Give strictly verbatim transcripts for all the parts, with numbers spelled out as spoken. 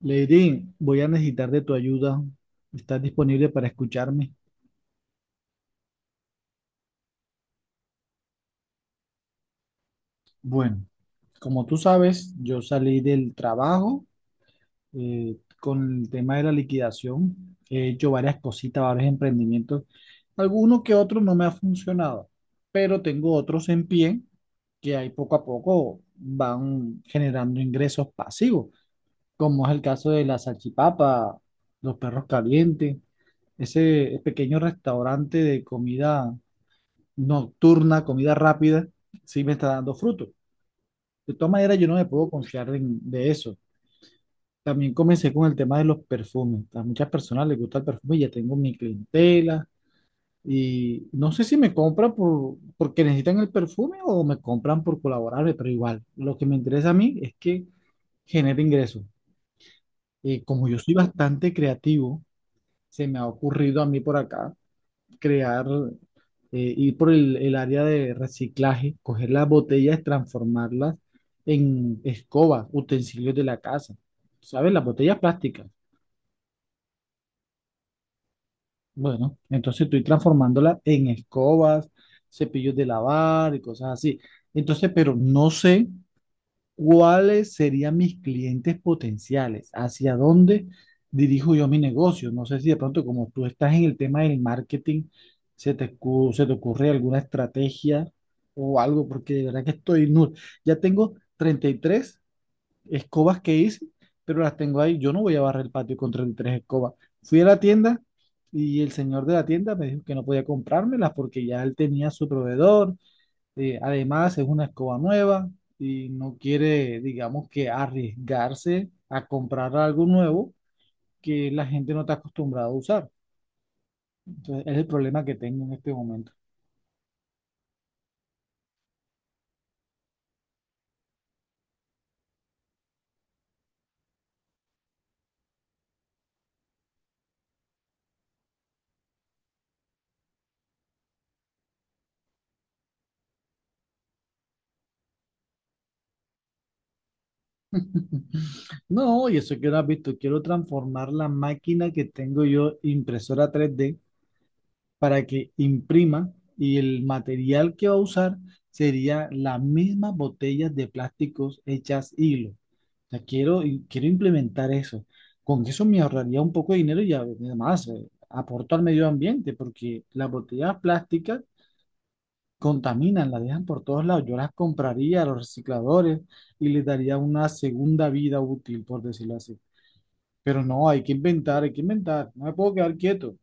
Lady, voy a necesitar de tu ayuda. ¿Estás disponible para escucharme? Bueno, como tú sabes, yo salí del trabajo eh, con el tema de la liquidación. He hecho varias cositas, varios emprendimientos. Algunos que otros no me ha funcionado, pero tengo otros en pie que ahí poco a poco van generando ingresos pasivos, como es el caso de la salchipapa, los perros calientes, ese pequeño restaurante de comida nocturna, comida rápida, sí me está dando fruto. De todas maneras, yo no me puedo confiar en- de eso. También comencé con el tema de los perfumes. A muchas personas les gusta el perfume y ya tengo mi clientela. Y no sé si me compran por, porque necesitan el perfume o me compran por colaborarme, pero igual, lo que me interesa a mí es que genere ingresos. Y como yo soy bastante creativo, se me ha ocurrido a mí por acá crear, eh, ir por el, el área de reciclaje, coger las botellas, transformarlas en escobas, utensilios de la casa. ¿Sabes? Las botellas plásticas. Bueno, entonces estoy transformándolas en escobas, cepillos de lavar y cosas así. Entonces, pero no sé, ¿cuáles serían mis clientes potenciales? ¿Hacia dónde dirijo yo mi negocio? No sé si de pronto, como tú estás en el tema del marketing, se te, ocu- se te ocurre alguna estrategia o algo, porque de verdad que estoy nulo. Ya tengo treinta y tres escobas que hice, pero las tengo ahí. Yo no voy a barrer el patio con treinta y tres escobas. Fui a la tienda y el señor de la tienda me dijo que no podía comprármelas porque ya él tenía su proveedor. Eh, además, es una escoba nueva y no quiere, digamos, que arriesgarse a comprar algo nuevo que la gente no está acostumbrada a usar. Entonces, es el problema que tengo en este momento. No, y eso que no has visto, quiero transformar la máquina que tengo yo, impresora tres D, para que imprima, y el material que va a usar sería las mismas botellas de plásticos hechas hilo. Sea, quiero, quiero implementar eso. Con eso me ahorraría un poco de dinero y además, eh, aporto al medio ambiente, porque las botellas plásticas contaminan, las dejan por todos lados. Yo las compraría a los recicladores y les daría una segunda vida útil, por decirlo así. Pero no, hay que inventar, hay que inventar. No me puedo quedar quieto.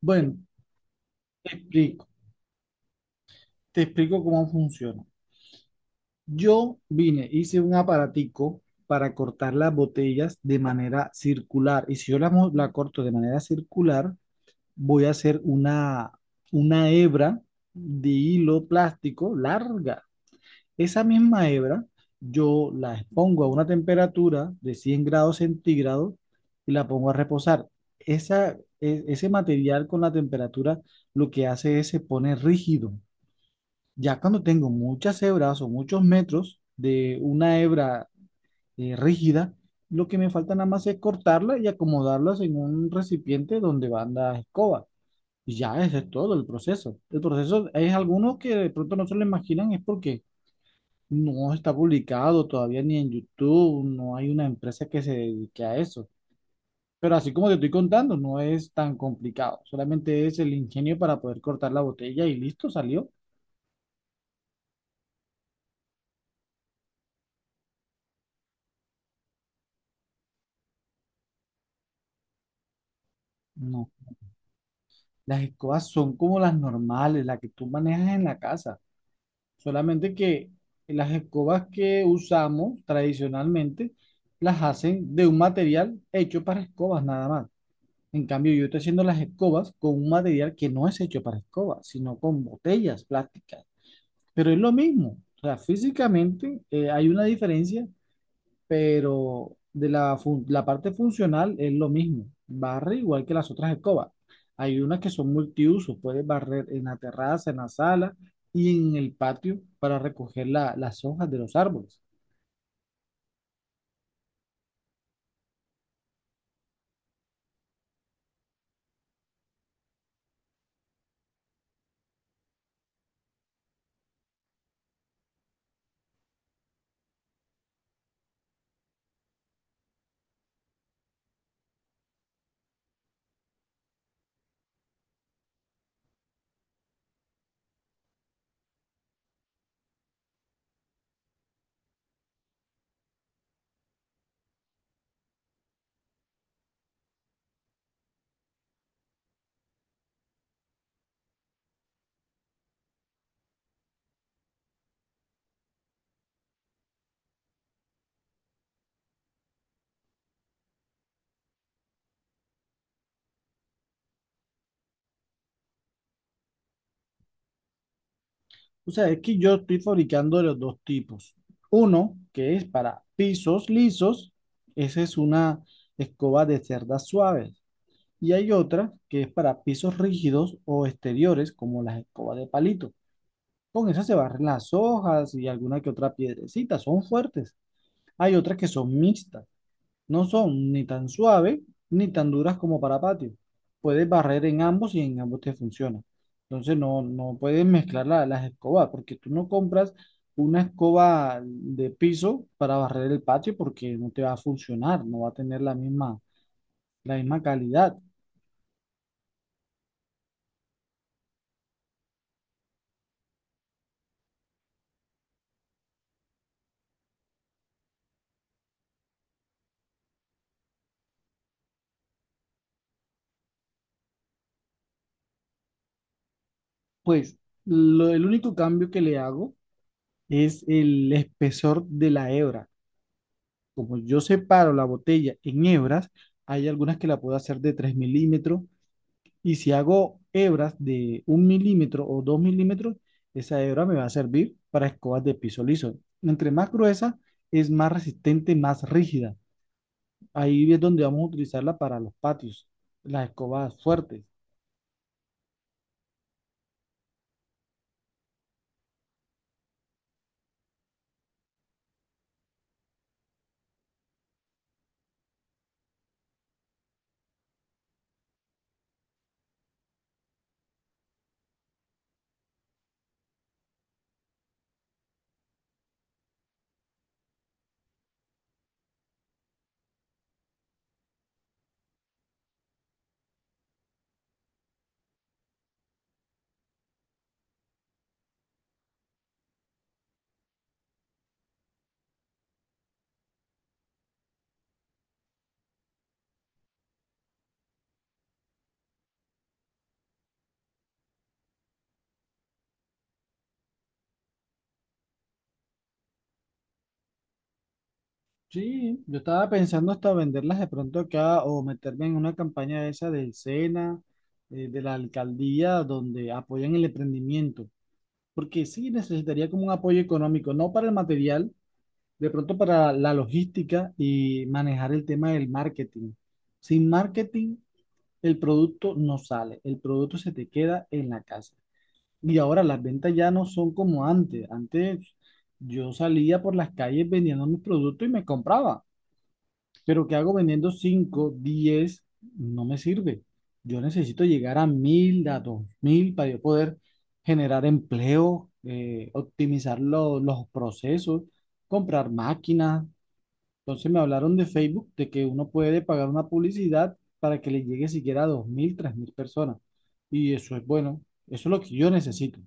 Bueno, te explico, te explico cómo funciona. Yo vine, hice un aparatico para cortar las botellas de manera circular. Y si yo la, mo- la corto de manera circular, voy a hacer una, una hebra de hilo plástico larga. Esa misma hebra yo la expongo a una temperatura de cien grados centígrados y la pongo a reposar. Esa, e- ese material con la temperatura, lo que hace es se pone rígido. Ya cuando tengo muchas hebras o muchos metros de una hebra eh, rígida, lo que me falta nada más es cortarla y acomodarlas en un recipiente donde van las escobas. Y ya ese es todo el proceso. El proceso es algunos que de pronto no se lo imaginan, es porque no está publicado todavía ni en YouTube, no hay una empresa que se dedique a eso. Pero así como te estoy contando, no es tan complicado. Solamente es el ingenio para poder cortar la botella y listo, salió. No. Las escobas son como las normales, las que tú manejas en la casa. Solamente que las escobas que usamos tradicionalmente las hacen de un material hecho para escobas nada más. En cambio, yo estoy haciendo las escobas con un material que no es hecho para escobas, sino con botellas plásticas. Pero es lo mismo. O sea, físicamente, eh, hay una diferencia, pero de la, fun- la parte funcional es lo mismo. Barre igual que las otras escobas. Hay unas que son multiusos, puedes barrer en la terraza, en la sala y en el patio para recoger la- las hojas de los árboles. O sea, es que yo estoy fabricando de los dos tipos. Uno, que es para pisos lisos, esa es una escoba de cerdas suaves. Y hay otra que es para pisos rígidos o exteriores, como las escobas de palito. Con eso se barren las hojas y alguna que otra piedrecita, son fuertes. Hay otras que son mixtas, no son ni tan suaves ni tan duras como para patio. Puedes barrer en ambos y en ambos te funciona. Entonces no, no puedes mezclar la- las escobas, porque tú no compras una escoba de piso para barrer el patio porque no te va a funcionar, no va a tener la misma, la misma calidad. Pues lo- el único cambio que le hago es el espesor de la hebra. Como yo separo la botella en hebras, hay algunas que la puedo hacer de tres milímetros, y si hago hebras de un milímetro o dos milímetros, esa hebra me va a servir para escobas de piso liso. Entre más gruesa, es más resistente, más rígida. Ahí es donde vamos a utilizarla para los patios, las escobas fuertes. Sí, yo estaba pensando hasta venderlas de pronto acá o meterme en una campaña esa del SENA, eh, de la alcaldía, donde apoyan el emprendimiento, porque sí necesitaría como un apoyo económico, no para el material, de pronto para la logística y manejar el tema del marketing. Sin marketing, el producto no sale, el producto se te queda en la casa. Y ahora las ventas ya no son como antes. Antes yo salía por las calles vendiendo mis productos y me compraba. Pero ¿qué hago vendiendo cinco, diez? No me sirve. Yo necesito llegar a mil, a dos mil, para yo poder generar empleo, eh, optimizar lo- los procesos, comprar máquinas. Entonces me hablaron de Facebook, de que uno puede pagar una publicidad para que le llegue siquiera a dos mil, tres mil personas. Y eso es bueno. Eso es lo que yo necesito.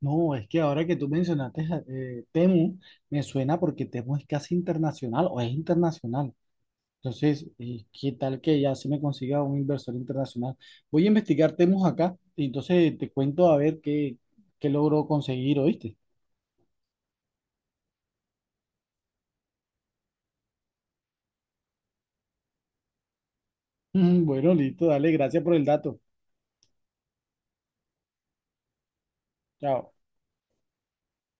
No, es que ahora que tú mencionaste, eh, Temu, me suena porque Temu es casi internacional o es internacional. Entonces, eh, ¿qué tal que ya se me consiga un inversor internacional? Voy a investigar temas acá y entonces te cuento a ver qué, qué logro conseguir, ¿oíste? Bueno, listo, dale, gracias por el dato. Chao.